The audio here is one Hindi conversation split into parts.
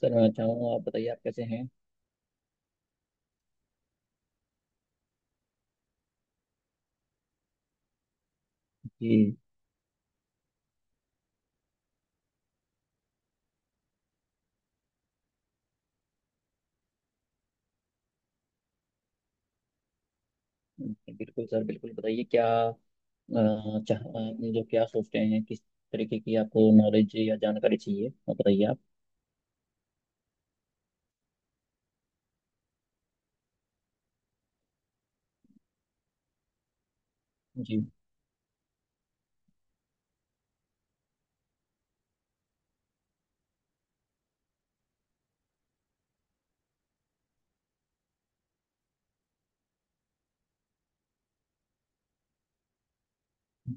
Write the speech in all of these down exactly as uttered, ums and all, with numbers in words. सर मैं अच्छा हूँ आप बताइए आप कैसे हैं। जी। बिल्कुल सर बिल्कुल बताइए क्या अ, चाह आपने जो क्या सोचते हैं किस तरीके की आपको नॉलेज या जानकारी चाहिए आप बताइए आप। जी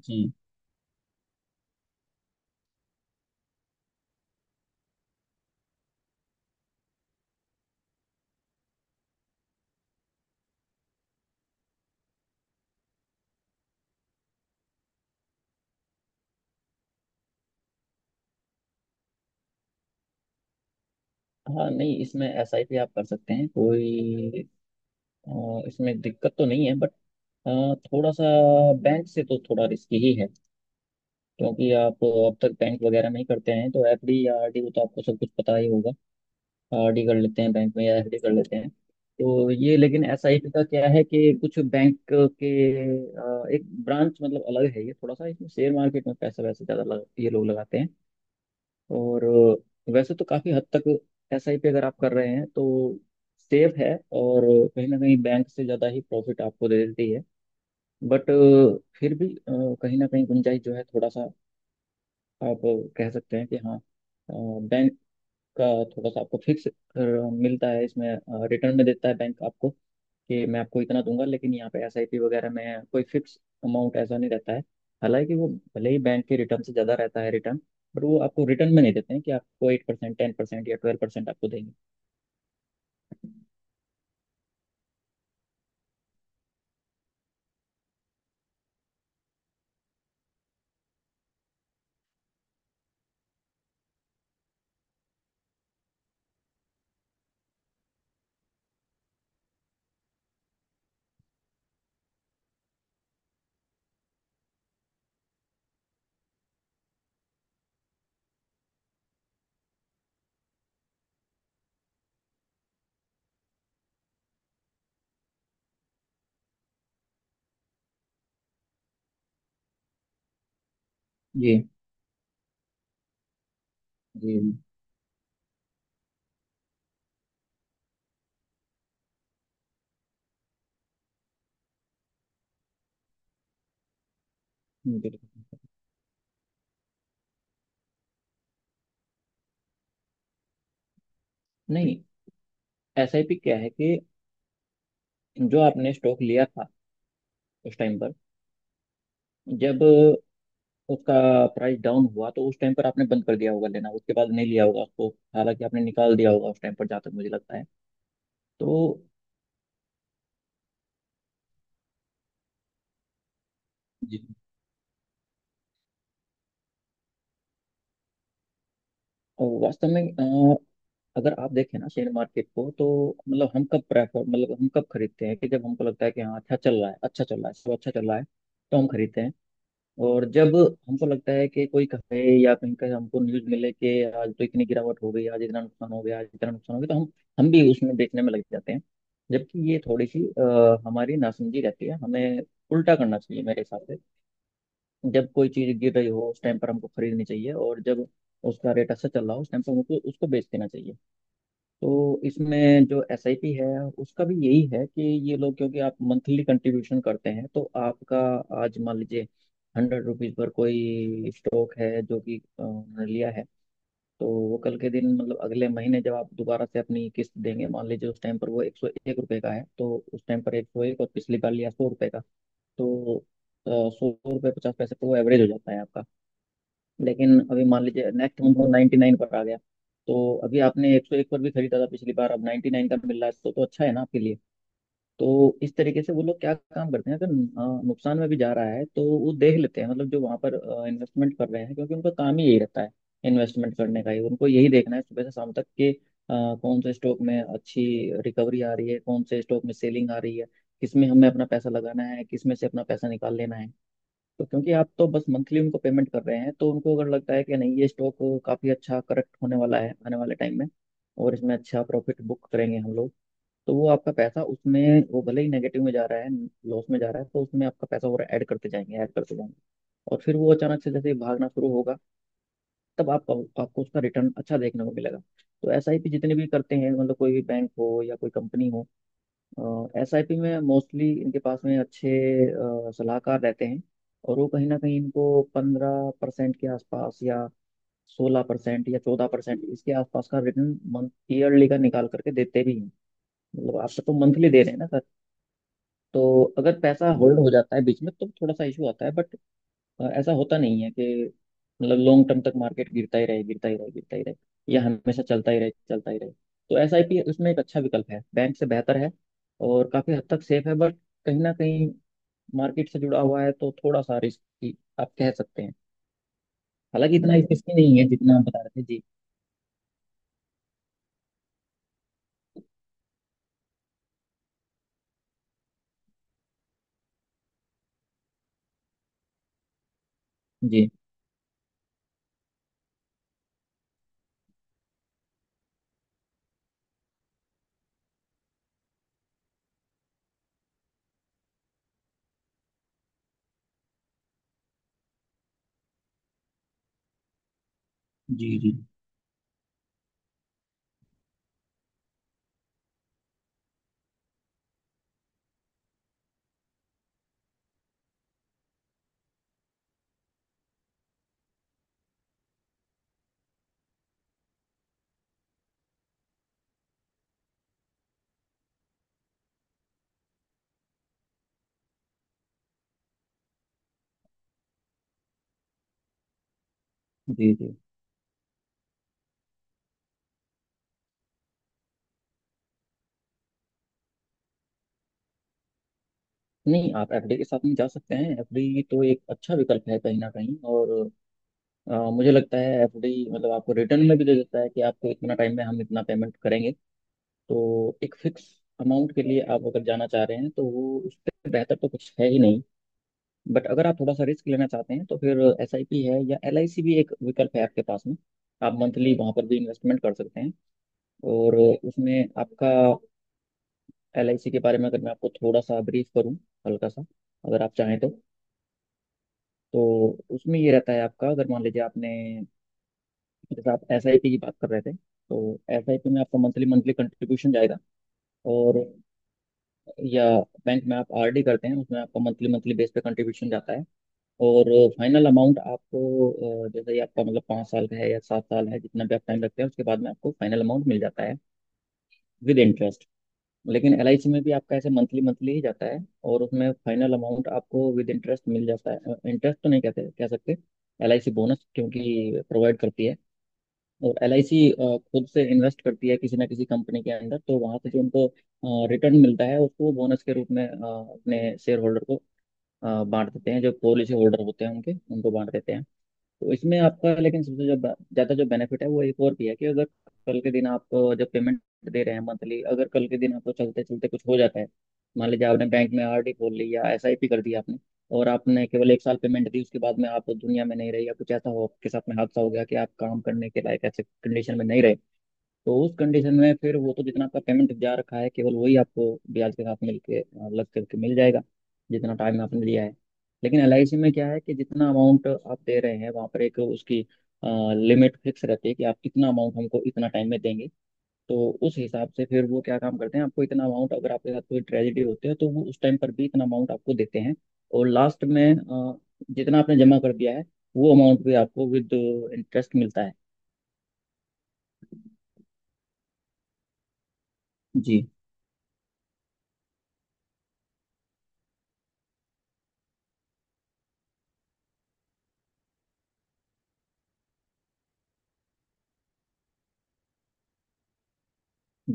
जी। हाँ नहीं इसमें एस आई पी आप कर सकते हैं कोई अ, इसमें दिक्कत तो नहीं है बट थोड़ा सा बैंक से तो थोड़ा रिस्की ही है। क्योंकि आप अब तक बैंक वगैरह नहीं करते हैं तो एफ डी या आर डी वो तो आपको सब कुछ पता ही होगा। आरडी कर लेते हैं बैंक में या एफडी कर लेते हैं। तो ये लेकिन एसआईपी का क्या है कि कुछ बैंक के अ, एक ब्रांच मतलब अलग है। ये थोड़ा सा इसमें शेयर मार्केट में पैसा वैसे ज़्यादा लग, ये लोग लगाते हैं। और अ, वैसे तो काफ़ी हद तक एसआईपी अगर आप कर रहे हैं तो सेफ है, और कहीं ना कहीं बैंक से ज़्यादा ही प्रॉफिट आपको दे देती है। बट फिर भी अ, कहीं ना कहीं गुंजाइश जो है थोड़ा सा आप कह सकते हैं कि हाँ, बैंक का थोड़ा सा आपको फिक्स मिलता है इसमें, रिटर्न में देता है बैंक आपको कि मैं आपको इतना दूंगा। लेकिन यहाँ पे एसआईपी वगैरह में कोई फिक्स अमाउंट ऐसा नहीं रहता है। हालांकि वो भले ही बैंक के रिटर्न से ज़्यादा रहता है रिटर्न, बट वो आपको रिटर्न में नहीं देते हैं कि आपको एट परसेंट टेन परसेंट या ट्वेल्व परसेंट आपको देंगे। जी जी जी। हम्म, बिल्कुल। नहीं एसआईपी क्या है कि जो आपने स्टॉक लिया था उस टाइम पर, जब उसका प्राइस डाउन हुआ तो उस टाइम पर आपने बंद कर दिया होगा लेना, उसके बाद नहीं लिया होगा आपको। हालांकि आपने निकाल दिया होगा उस टाइम पर जहाँ तक मुझे लगता है। तो जी, अ, वास्तव में अ, अगर आप देखें ना शेयर मार्केट को तो मतलब हम कब प्रेफर, मतलब हम कब खरीदते हैं कि जब हमको लगता है कि हाँ अच्छा चल रहा है अच्छा चल रहा है सब अच्छा चल रहा है तो हम खरीदते हैं। और जब हमको लगता है कि कोई कहे या कहीं का हमको न्यूज मिले कि आज तो इतनी गिरावट हो गई आज इतना नुकसान हो गया आज इतना नुकसान हो गया तो हम हम भी उसमें देखने में लग जाते हैं। जबकि ये थोड़ी सी अ, हमारी नासमझी रहती है, हमें उल्टा करना चाहिए मेरे हिसाब से। जब कोई चीज गिर रही हो उस टाइम पर हमको खरीदनी चाहिए, और जब उसका रेट अच्छा चल रहा हो उस टाइम पर हमको उसको बेच देना चाहिए। तो इसमें जो एस आई पी है उसका भी यही है कि ये लोग, क्योंकि आप मंथली कंट्रीब्यूशन करते हैं तो आपका आज मान लीजिए हंड्रेड रुपीज पर कोई स्टॉक है जो कि अ, उन्होंने लिया है। तो वो कल के दिन मतलब अगले महीने जब आप दोबारा से अपनी किस्त देंगे मान लीजिए उस टाइम पर वो एक सौ एक रुपये का है, तो उस टाइम पर एक सौ एक और पिछली बार लिया सौ रुपये का, तो सौ रुपये पचास पैसे पर वो एवरेज हो जाता है आपका। लेकिन अभी मान लीजिए नेक्स्ट मंथ वो नाइंटी नाइन पर आ गया। तो अभी आपने एक सौ एक पर भी खरीदा था पिछली बार, अब नाइंटी नाइन का मिल रहा है तो, तो अच्छा है ना आपके लिए। तो इस तरीके से वो लोग क्या काम करते हैं, अगर अ, नुकसान में भी जा रहा है तो वो देख लेते हैं, मतलब जो वहाँ पर इन्वेस्टमेंट कर रहे हैं, क्योंकि उनका काम ही यही रहता है इन्वेस्टमेंट करने का, ही उनको यही देखना है सुबह से शाम तक कि अ, कौन से स्टॉक में अच्छी रिकवरी आ रही है कौन से स्टॉक में सेलिंग आ रही है, किस में हमें अपना पैसा लगाना है किस में से अपना पैसा निकाल लेना है। तो क्योंकि आप तो बस मंथली उनको पेमेंट कर रहे हैं तो उनको अगर लगता है कि नहीं ये स्टॉक काफ़ी अच्छा करेक्ट होने वाला है आने वाले टाइम में और इसमें अच्छा प्रॉफिट बुक करेंगे हम लोग, तो वो आपका पैसा उसमें, वो भले ही नेगेटिव में जा रहा है लॉस में जा रहा है तो उसमें आपका पैसा और ऐड करते जाएंगे ऐड करते जाएंगे। और फिर वो अचानक से जैसे ही भागना शुरू होगा तब आप आपको उसका रिटर्न अच्छा देखने को मिलेगा। तो एसआईपी जितने भी करते हैं मतलब कोई भी बैंक हो या कोई कंपनी हो, एस आई पी में मोस्टली इनके पास में अच्छे अ, सलाहकार रहते हैं। और वो कहीं ना कहीं इनको पंद्रह परसेंट के आसपास या सोलह परसेंट या चौदह परसेंट इसके आसपास का रिटर्न मंथ ईयरली का निकाल करके देते भी हैं। मतलब आप तो मंथली दे रहे हैं ना सर। तो अगर पैसा होल्ड हो जाता है बीच में तो थोड़ा सा इशू आता है, बट अ, ऐसा होता नहीं है कि मतलब लॉन्ग टर्म तक मार्केट गिरता ही रहे गिरता ही रहे गिरता ही रहे या हमेशा चलता ही रहे चलता ही रहे। तो एस आई पी उसमें एक अच्छा विकल्प है, बैंक से बेहतर है और काफी हद तक सेफ है, बट कहीं ना कहीं मार्केट से जुड़ा हुआ है तो थोड़ा सा रिस्की आप कह सकते हैं। हालांकि इतना रिस्की नहीं है जितना आप बता रहे थे। जी जी जी जी जी जी। नहीं आप एफडी के साथ नहीं जा सकते हैं, एफडी तो एक अच्छा विकल्प है कहीं ना कहीं, और अ, मुझे लगता है एफडी मतलब आपको रिटर्न में भी दे देता है कि आपको इतना टाइम में हम इतना पेमेंट करेंगे। तो एक फिक्स अमाउंट के लिए आप अगर जाना चाह रहे हैं तो वो, उससे बेहतर तो कुछ है ही नहीं। बट अगर आप थोड़ा सा रिस्क लेना चाहते हैं तो फिर एस आई पी है, या एल आई सी भी एक विकल्प है आपके पास में। आप मंथली वहाँ पर भी इन्वेस्टमेंट कर सकते हैं, और उसमें आपका, एल आई सी के बारे में अगर मैं आपको थोड़ा सा ब्रीफ करूँ हल्का सा अगर आप चाहें तो। तो उसमें ये रहता है आपका, अगर मान लीजिए आपने, जैसे आप एस आई पी की बात कर रहे थे तो एस आई पी में आपका मंथली मंथली कंट्रीब्यूशन जाएगा, और या बैंक में आप आरडी करते हैं उसमें आपका मंथली मंथली बेस पे कंट्रीब्यूशन जाता है। और फाइनल अमाउंट आपको अ, जैसे ही आपका मतलब पाँच साल का है या सात साल है जितना भी आप टाइम रखते हैं उसके बाद में आपको फाइनल अमाउंट मिल जाता है विद इंटरेस्ट। लेकिन एलआईसी में भी आपका ऐसे मंथली मंथली ही जाता है, और उसमें फाइनल अमाउंट आपको विद इंटरेस्ट मिल जाता है। इंटरेस्ट तो नहीं कहते, कह सकते एलआईसी बोनस क्योंकि प्रोवाइड करती है। और एल आई सी खुद से इन्वेस्ट करती है किसी ना किसी कंपनी के अंदर, तो वहां से जो उनको रिटर्न मिलता है उसको बोनस के रूप में अ, अपने शेयर होल्डर को, अ, बांट देते हैं, जो पॉलिसी होल्डर होते हैं उनके, उनको बांट देते हैं। तो इसमें आपका लेकिन सबसे जो ज़्यादा जो बेनिफिट है वो एक और भी है कि अगर कल के दिन आप अ, जब पेमेंट दे रहे हैं मंथली, अगर कल के दिन आपको चलते चलते कुछ हो जाता है, मान लीजिए आपने बैंक में आरडी खोल ली या एसआईपी कर दी आपने, और आपने केवल एक साल पेमेंट दी उसके बाद में आप दुनिया में नहीं रहे या कुछ ऐसा हो आपके साथ में हादसा हो गया कि आप काम करने के लायक ऐसे कंडीशन में नहीं रहे, तो उस कंडीशन में फिर वो तो जितना आपका पेमेंट जा रखा है केवल वही आपको ब्याज के साथ मिल के अ, लग करके मिल जाएगा जितना टाइम आपने लिया है। लेकिन एल आई सी में क्या है कि जितना अमाउंट आप दे रहे हैं वहाँ पर एक उसकी लिमिट फिक्स रहती है कि आप इतना अमाउंट हमको इतना टाइम में देंगे। तो उस हिसाब से फिर वो क्या काम करते हैं, आपको इतना अमाउंट, अगर आपके साथ कोई ट्रेजेडी होती है तो वो उस टाइम पर भी इतना अमाउंट आपको देते हैं। और लास्ट में अ, जितना आपने जमा कर दिया है वो अमाउंट भी आपको विद इंटरेस्ट मिलता है। जी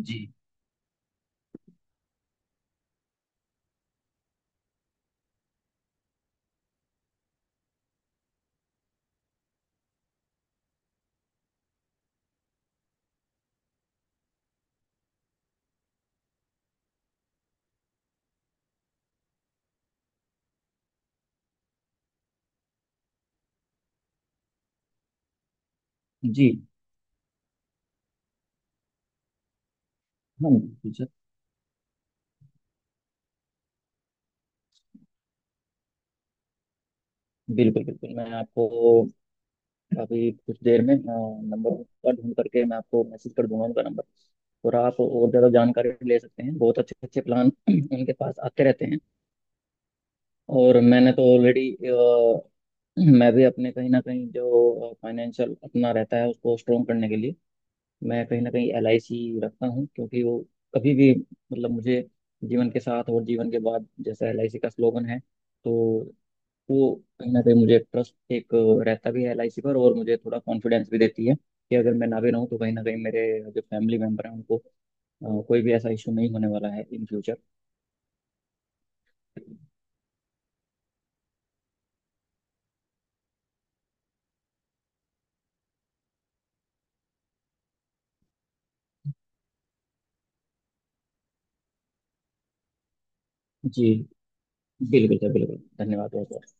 जी। जी हाँ। जी, बिल्कुल बिल्कुल। मैं आपको अभी कुछ देर में अ, नंबर का ढूंढ करके मैं आपको मैसेज कर दूंगा उनका नंबर। और आप और ज़्यादा जानकारी ले सकते हैं, बहुत अच्छे अच्छे प्लान उनके पास आते रहते हैं। और मैंने तो ऑलरेडी, मैं भी अपने कहीं ना कहीं जो फाइनेंशियल अपना रहता है उसको स्ट्रोंग करने के लिए मैं कहीं ना कहीं एल आई सी रखता हूँ, क्योंकि वो कभी भी, मतलब मुझे जीवन के साथ और जीवन के बाद जैसा एल आई सी का स्लोगन है। तो वो कहीं ना कहीं मुझे ट्रस्ट एक रहता भी है एलआईसी पर, और मुझे थोड़ा कॉन्फिडेंस भी देती है कि अगर मैं ना भी रहूँ तो कहीं ना कहीं मेरे जो फैमिली मेम्बर हैं उनको अ, कोई भी ऐसा इशू नहीं होने वाला है इन फ्यूचर। जी बिल्कुल सर बिल्कुल। धन्यवाद बहुत बहुत।